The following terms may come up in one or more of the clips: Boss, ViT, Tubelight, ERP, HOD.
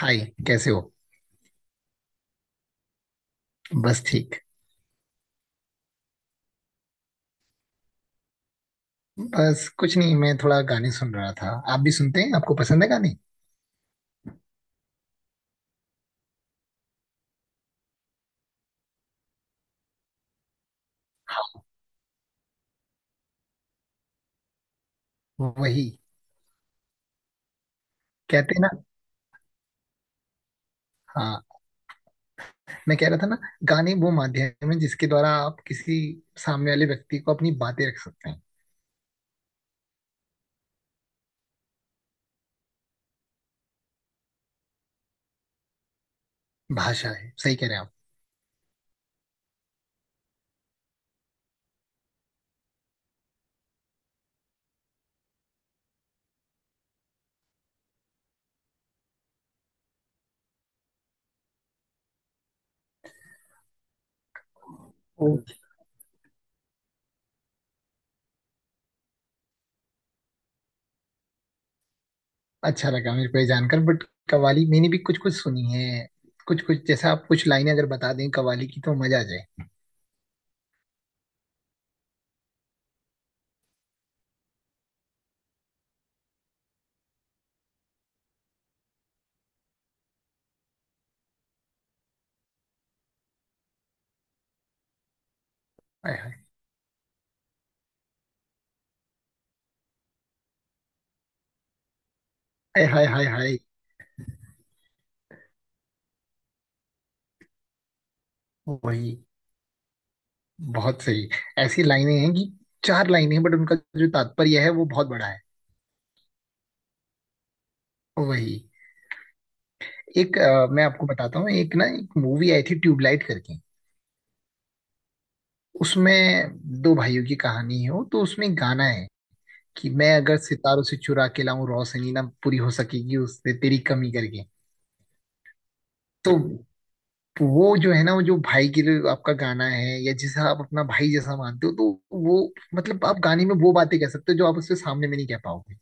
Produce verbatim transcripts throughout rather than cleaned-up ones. हाय। कैसे हो? बस ठीक। बस कुछ नहीं, मैं थोड़ा गाने सुन रहा था। आप भी सुनते हैं? आपको पसंद है गाने? वही कहते हैं ना। हाँ, मैं कह रहा था ना, गाने वो माध्यम है जिसके द्वारा आप किसी सामने वाले व्यक्ति को अपनी बातें रख सकते हैं। भाषा है, सही कह रहे हैं आप। ओ, अच्छा लगा मेरे को ये जानकर, बट कव्वाली मैंने भी कुछ कुछ सुनी है। कुछ कुछ जैसा, आप कुछ लाइनें अगर बता दें कव्वाली की तो मजा आ जाए। हाय हाय हाय हाय हाय हाय। वही, बहुत सही। ऐसी लाइनें हैं कि चार लाइनें हैं बट उनका जो तात्पर्य है वो बहुत बड़ा है। वही। एक अ, मैं आपको बताता हूँ, एक ना एक मूवी आई थी ट्यूबलाइट करके। उसमें दो भाइयों की कहानी है वो, तो उसमें एक गाना है कि मैं अगर सितारों से चुरा के लाऊं रोशनी ना पूरी हो सकेगी उससे तेरी कमी करके। तो वो जो है ना, वो जो भाई के लिए आपका गाना है या जिसे आप अपना भाई जैसा मानते हो, तो वो मतलब आप गाने में वो बातें कह सकते हो जो आप उससे सामने में नहीं कह पाओगे।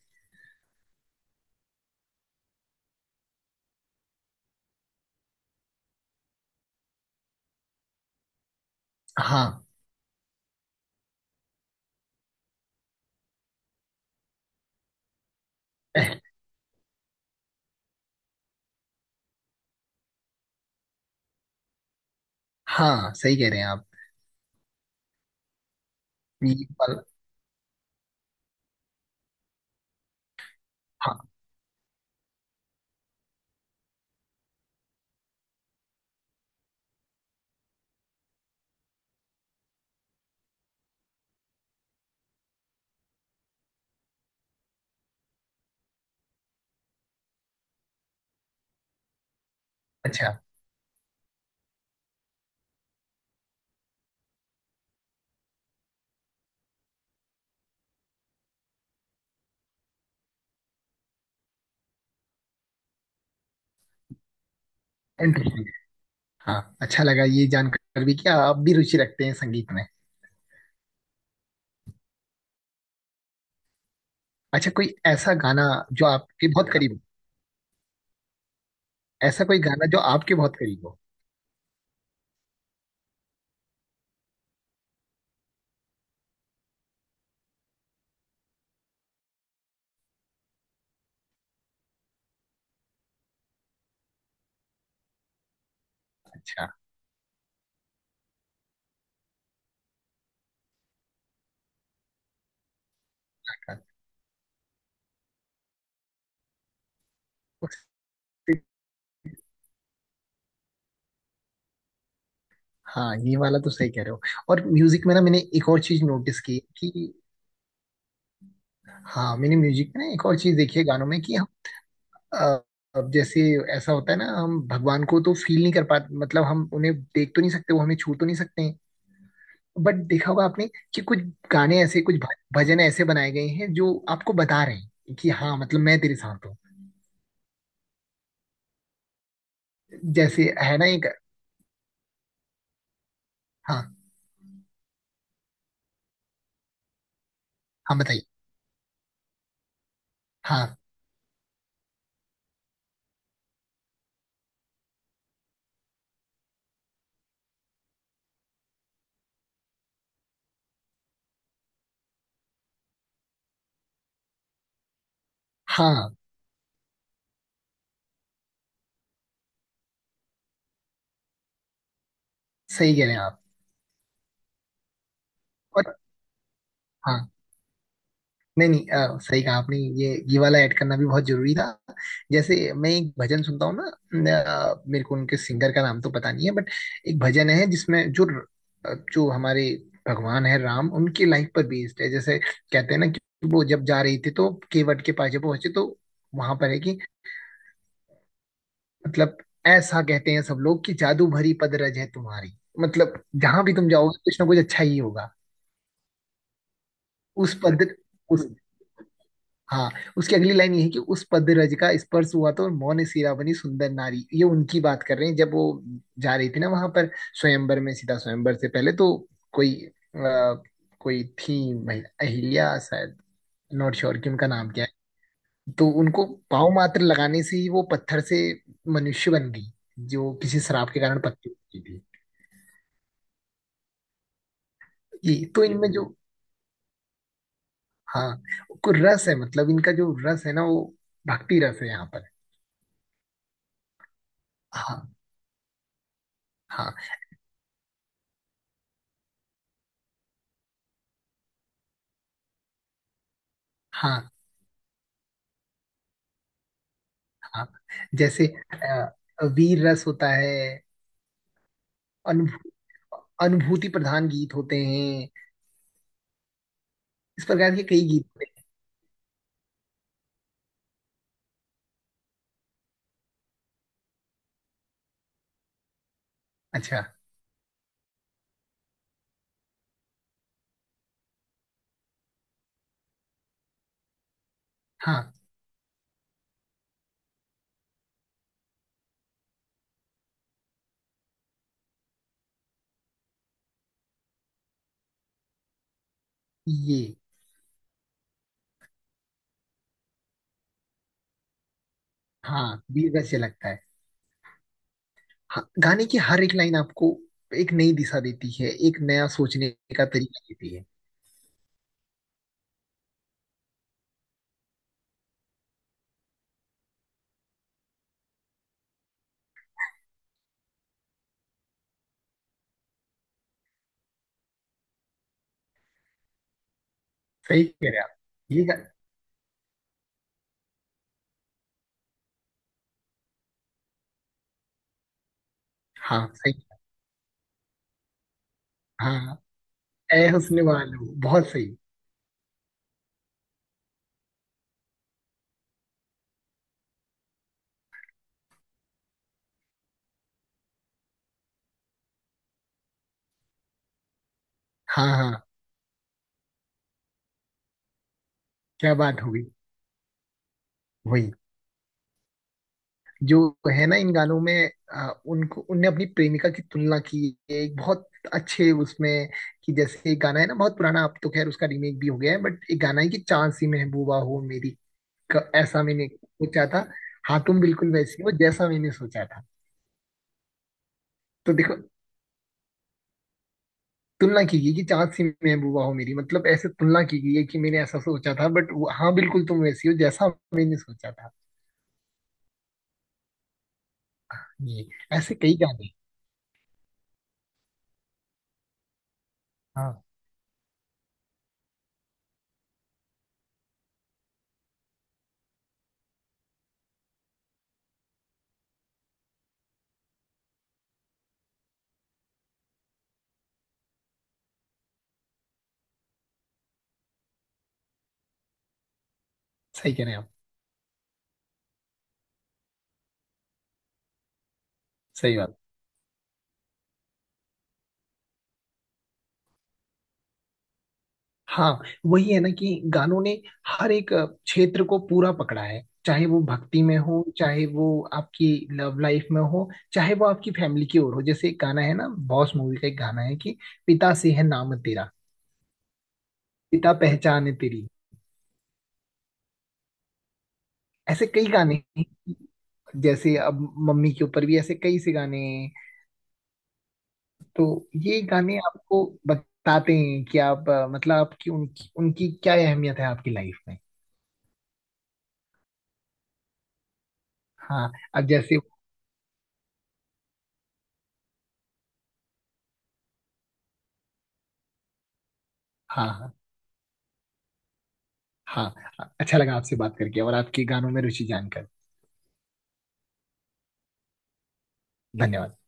हाँ। हाँ, सही कह रहे हैं आप। ये पर। हाँ। अच्छा। इंटरेस्टिंग। हाँ, अच्छा लगा ये जानकर भी कि आप भी रुचि रखते हैं संगीत में। अच्छा, कोई ऐसा गाना जो आपके बहुत करीब हो? ऐसा कोई गाना जो आपके बहुत करीब हो? अच्छा। उस- हाँ ये वाला तो सही कह रहे हो। और म्यूजिक में ना मैंने एक और चीज नोटिस की कि हाँ, मैंने म्यूजिक में ना एक और चीज देखी है गानों में कि हम अ, अब जैसे ऐसा होता है ना, हम भगवान को तो फील नहीं कर पाते, मतलब हम उन्हें देख तो नहीं सकते, वो हमें छू तो नहीं सकते हैं। बट देखा होगा आपने कि कुछ गाने ऐसे, कुछ भ- भजन ऐसे बनाए गए हैं जो आपको बता रहे हैं कि हाँ, मतलब मैं तेरे साथ हूँ। जैसे है ना एक। हाँ। हाँ, बताइए। हाँ। हाँ, सही कह रहे हैं आप। और हाँ। नहीं नहीं, अ, सही कहा आपने, ये ये वाला ऐड करना भी बहुत जरूरी था। जैसे मैं एक भजन सुनता हूँ ना, अ, मेरे को उनके सिंगर का नाम तो पता नहीं है बट एक भजन है जिसमें जो र- अ, जो हमारे भगवान है राम, उनकी लाइफ पर बेस्ड है। जैसे कहते हैं ना कि वो जब जा रही थी तो केवट के पास जब पहुंचे तो वहां पर है कि मतलब ऐसा कहते हैं सब लोग कि जादू भरी पद रज है तुम्हारी। मतलब जहां भी तुम जाओगे कुछ ना कुछ अच्छा ही होगा। उस पद, उस, हाँ, उसकी अगली लाइन ये है कि उस पद रज का स्पर्श हुआ तो मौन सिरा बनी सुंदर नारी। ये उनकी बात कर रहे हैं जब वो जा रही थी ना वहां पर, स्वयंवर में, सीता स्वयंवर से पहले तो कोई आ, कोई थी महिला, अहिल्या शायद, नॉट श्योर कि उनका नाम क्या है, तो उनको पाँव मात्र लगाने से ही वो पत्थर से मनुष्य बन गई, जो किसी श्राप के कारण पत्थर की थी। ये तो इनमें जो, हाँ, को रस है, मतलब इनका जो रस है ना वो भक्ति रस है यहाँ पर। हाँ। हाँ हाँ। हाँ। जैसे अ, वीर रस होता है, अनुभू, अनुभूति प्रधान गीत होते हैं। इस प्रकार के कई गीत होते हैं। अच्छा। हाँ। ये हाँ, वीर रस ये लगता है। हाँ, गाने की हर एक लाइन आपको एक नई दिशा देती है, एक नया सोचने का तरीका देती है। सही कह रहे हैं आप। ये गा- हाँ सही। हाँ। ऐ हुस्न वालो, बहुत सही। हाँ। हाँ, क्या बात हो गई। वही जो है ना, इन गानों में आ, उनको उनने अपनी प्रेमिका की तुलना की है एक बहुत अच्छे उसमें, कि जैसे एक गाना है ना बहुत पुराना, अब तो खैर उसका रीमेक भी हो गया है बट एक गाना है कि चांद सी महबूबा हो मेरी। क- ऐसा मैंने सोचा था। हाँ तुम बिल्कुल वैसी हो जैसा मैंने सोचा था। तो देखो, तुलना की गई कि चांद सी महबूबा हो मेरी, मतलब ऐसे तुलना की गई है कि मैंने ऐसा सोचा था बट हाँ, बिल्कुल तुम वैसी हो जैसा मैंने सोचा था। ये ऐसे कई गाने हैं। हाँ सही कह रहे हैं आप। सही बात। हाँ, वही है ना कि गानों ने हर एक अ, क्षेत्र को पूरा पकड़ा है, चाहे वो भक्ति में हो, चाहे वो आपकी लव लाइफ में हो, चाहे वो आपकी फैमिली की ओर हो। जैसे एक गाना है ना बॉस मूवी का, एक गाना है कि पिता से है नाम तेरा, पिता पहचान है तेरी। ऐसे कई गाने हैं, जैसे अब मम्मी के ऊपर भी ऐसे कई से गाने हैं। तो ये गाने आपको बताते हैं कि आप अ, मतलब आपकी, उनकी उनकी क्या अहमियत है आपकी लाइफ में। हाँ। अब जैसे हाँ। हाँ। हाँ, अच्छा लगा आपसे बात करके और आपकी गानों में रुचि जानकर। धन्यवाद।